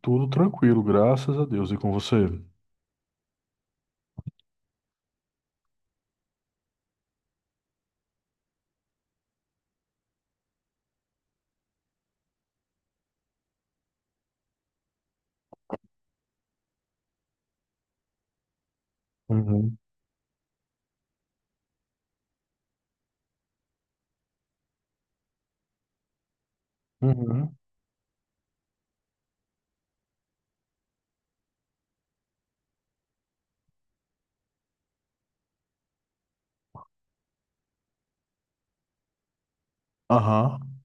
Tudo tranquilo, graças a Deus. E com você? Uhum, uhum. Aham,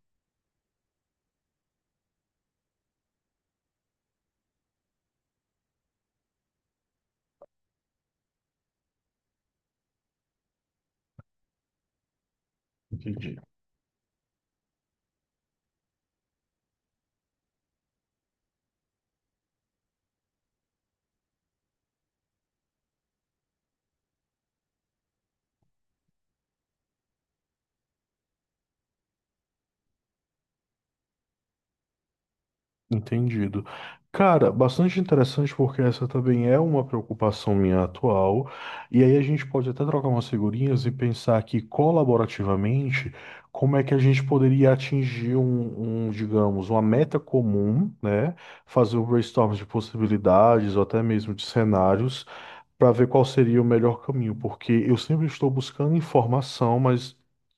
entendi. Entendido. Cara, bastante interessante porque essa também é uma preocupação minha atual. E aí a gente pode até trocar umas figurinhas e pensar aqui colaborativamente como é que a gente poderia atingir um, digamos, uma meta comum, né? Fazer um brainstorm de possibilidades ou até mesmo de cenários para ver qual seria o melhor caminho, porque eu sempre estou buscando informação, mas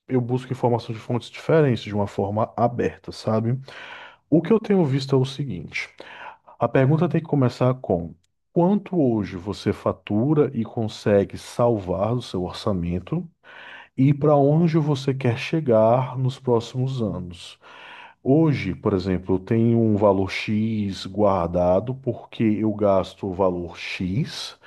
eu busco informação de fontes diferentes, de uma forma aberta, sabe? O que eu tenho visto é o seguinte: a pergunta tem que começar com quanto hoje você fatura e consegue salvar do seu orçamento e para onde você quer chegar nos próximos anos. Hoje, por exemplo, eu tenho um valor X guardado porque eu gasto o valor X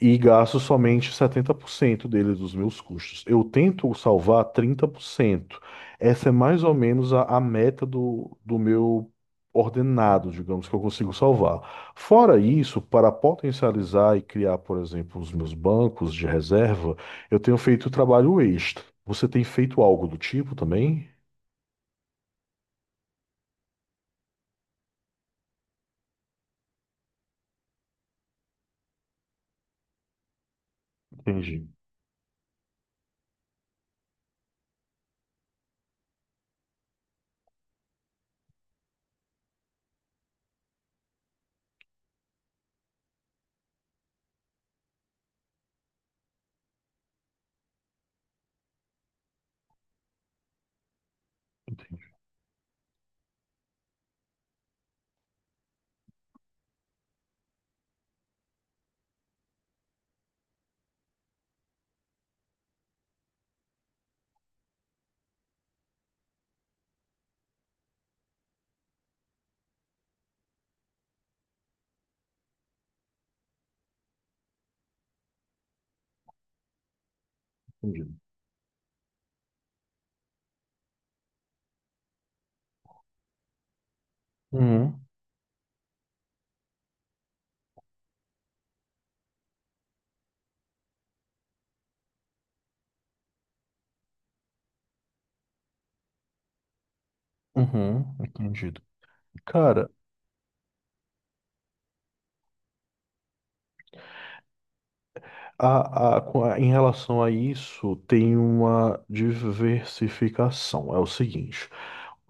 e gasto somente 70% dele dos meus custos. Eu tento salvar 30%. Essa é mais ou menos a meta do meu ordenado, digamos, que eu consigo salvar. Fora isso, para potencializar e criar, por exemplo, os meus bancos de reserva, eu tenho feito trabalho extra. Você tem feito algo do tipo também? Entendi, entendi, entendi. Uhum, uhum, entendido. Cara, em relação a isso, tem uma diversificação. É o seguinte,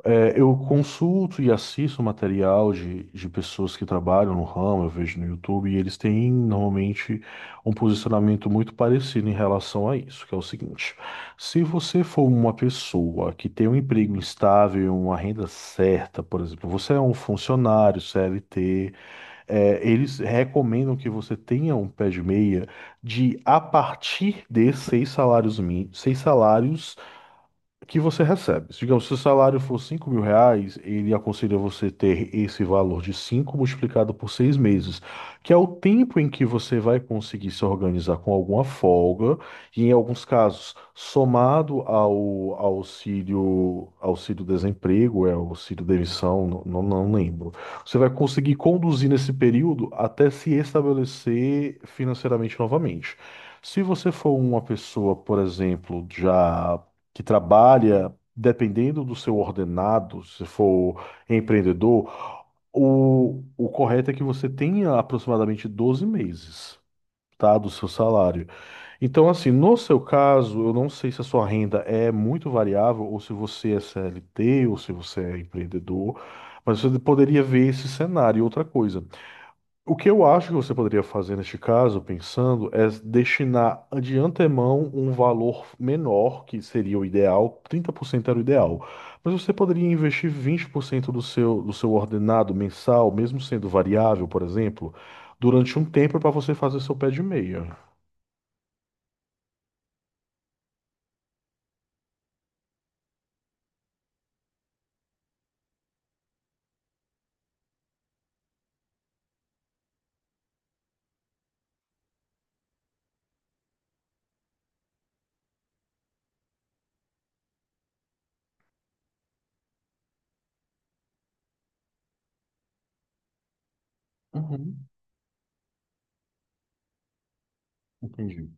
é, eu consulto e assisto material de pessoas que trabalham no ramo, eu vejo no YouTube, e eles têm normalmente um posicionamento muito parecido em relação a isso, que é o seguinte: se você for uma pessoa que tem um emprego instável, uma renda certa, por exemplo, você é um funcionário CLT. É, eles recomendam que você tenha um pé de meia de a partir de 6 salários mínimos, 6 salários que você recebe. Digamos, se o salário for R$ 5.000, ele aconselha você ter esse valor de 5 multiplicado por 6 meses, que é o tempo em que você vai conseguir se organizar com alguma folga, e em alguns casos, somado ao auxílio, auxílio desemprego, é auxílio demissão, não, não não lembro. Você vai conseguir conduzir nesse período até se estabelecer financeiramente novamente. Se você for uma pessoa, por exemplo, já que trabalha, dependendo do seu ordenado, se for empreendedor, o correto é que você tenha aproximadamente 12 meses, tá, do seu salário. Então, assim, no seu caso, eu não sei se a sua renda é muito variável, ou se você é CLT, ou se você é empreendedor, mas você poderia ver esse cenário. E outra coisa. O que eu acho que você poderia fazer neste caso, pensando, é destinar de antemão um valor menor, que seria o ideal, 30% era o ideal. Mas você poderia investir 20% do seu ordenado mensal, mesmo sendo variável, por exemplo, durante um tempo para você fazer seu pé de meia. Uhum, entendi.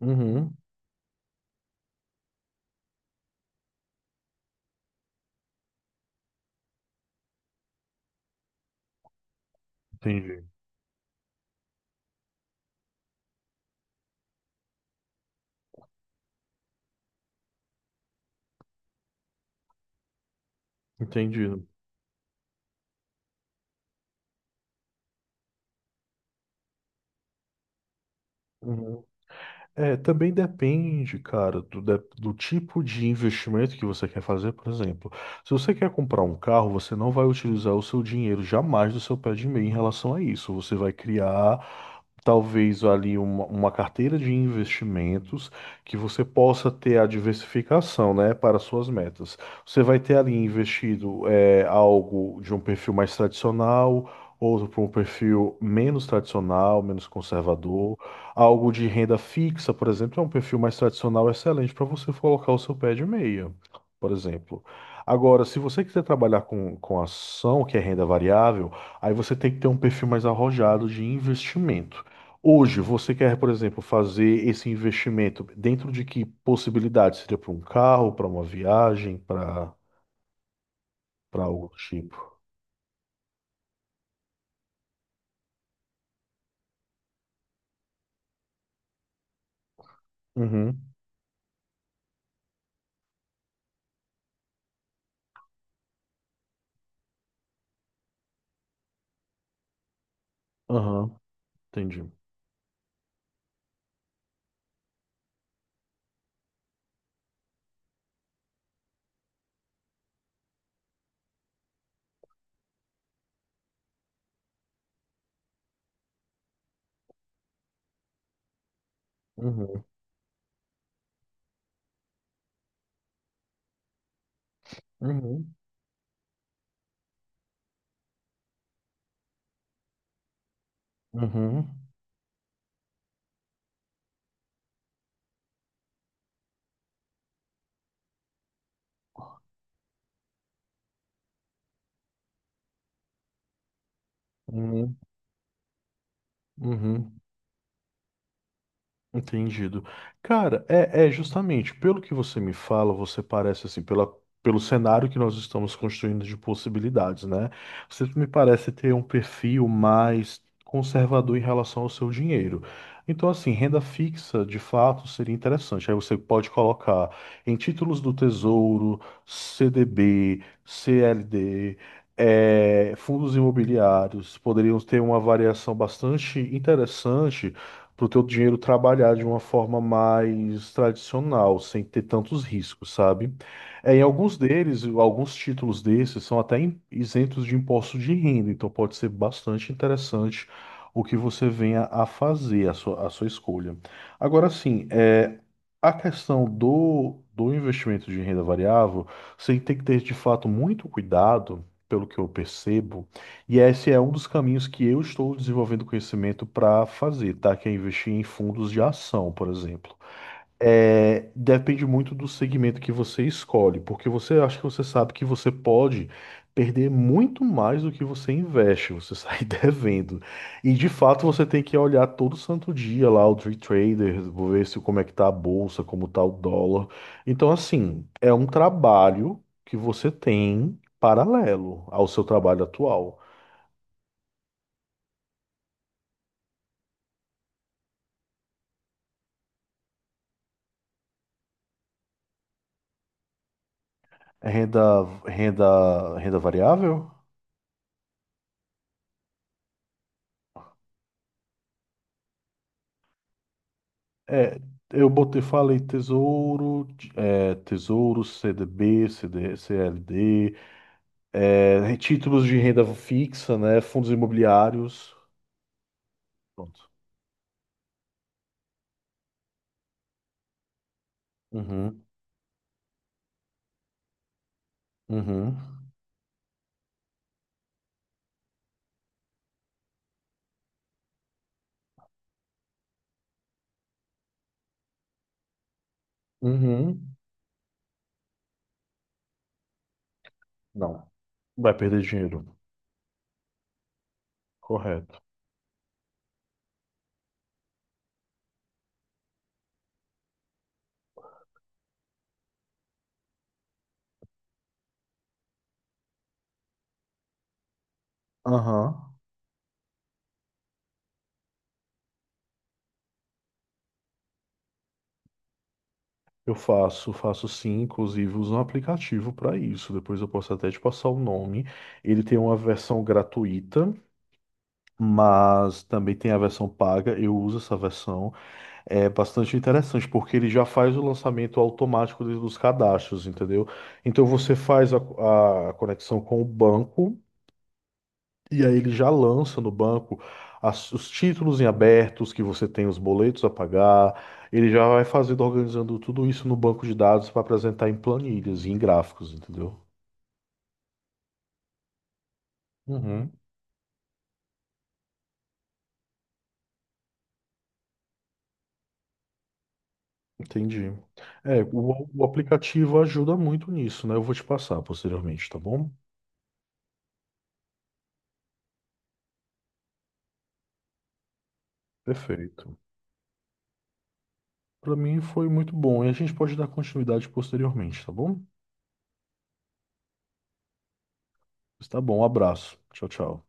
Uhum, entendi. Entendido. É, também depende, cara, do tipo de investimento que você quer fazer, por exemplo. Se você quer comprar um carro, você não vai utilizar o seu dinheiro jamais do seu pé de meia em relação a isso. Você vai criar, talvez, ali uma carteira de investimentos que você possa ter a diversificação, né, para suas metas. Você vai ter ali investido é, algo de um perfil mais tradicional, outro para um perfil menos tradicional, menos conservador. Algo de renda fixa, por exemplo, é um perfil mais tradicional excelente para você colocar o seu pé de meia, por exemplo. Agora, se você quiser trabalhar com ação, que é renda variável, aí você tem que ter um perfil mais arrojado de investimento. Hoje, você quer, por exemplo, fazer esse investimento dentro de que possibilidade? Seria para um carro, para uma viagem, para algo do tipo? Uhum, aham, entendi. Uhum, uhum, uhum, uhum, uhum. Entendido. Cara, é, é justamente pelo que você me fala, você parece assim, pela, pelo cenário que nós estamos construindo de possibilidades, né? Você me parece ter um perfil mais conservador em relação ao seu dinheiro. Então, assim, renda fixa, de fato, seria interessante. Aí você pode colocar em títulos do Tesouro, CDB, CLD, fundos imobiliários, poderiam ter uma variação bastante interessante para o teu dinheiro trabalhar de uma forma mais tradicional, sem ter tantos riscos, sabe? É, em alguns deles, alguns títulos desses são até isentos de imposto de renda, então pode ser bastante interessante o que você venha a fazer, a sua escolha. Agora sim, é, a questão do investimento de renda variável, você tem que ter de fato muito cuidado, pelo que eu percebo, e esse é um dos caminhos que eu estou desenvolvendo conhecimento para fazer, tá? Que é investir em fundos de ação, por exemplo. É, depende muito do segmento que você escolhe, porque você acha que você sabe que você pode perder muito mais do que você investe, você sai devendo. E de fato você tem que olhar todo santo dia lá o Tree Trader, ver se como é que tá a bolsa, como tá o dólar. Então, assim, é um trabalho que você tem paralelo ao seu trabalho atual. Renda variável? É, eu botei, falei tesouro, CDB, CD, CLD, é, títulos de renda fixa, né? Fundos imobiliários. Pronto. Uhum, uhum, uhum. Não. Vai perder dinheiro. Correto. Aham. Eu faço, faço sim, inclusive uso um aplicativo para isso. Depois eu posso até te passar o nome. Ele tem uma versão gratuita mas também tem a versão paga. Eu uso essa versão. É bastante interessante, porque ele já faz o lançamento automático dos cadastros, entendeu? Então você faz a conexão com o banco e aí ele já lança no banco os títulos em abertos que você tem, os boletos a pagar. Ele já vai fazendo, organizando tudo isso no banco de dados para apresentar em planilhas e em gráficos, entendeu? Uhum, entendi. É, o, aplicativo ajuda muito nisso, né? Eu vou te passar posteriormente, tá bom? Perfeito. Para mim foi muito bom. E a gente pode dar continuidade posteriormente, tá bom? Está bom, um abraço. Tchau, tchau.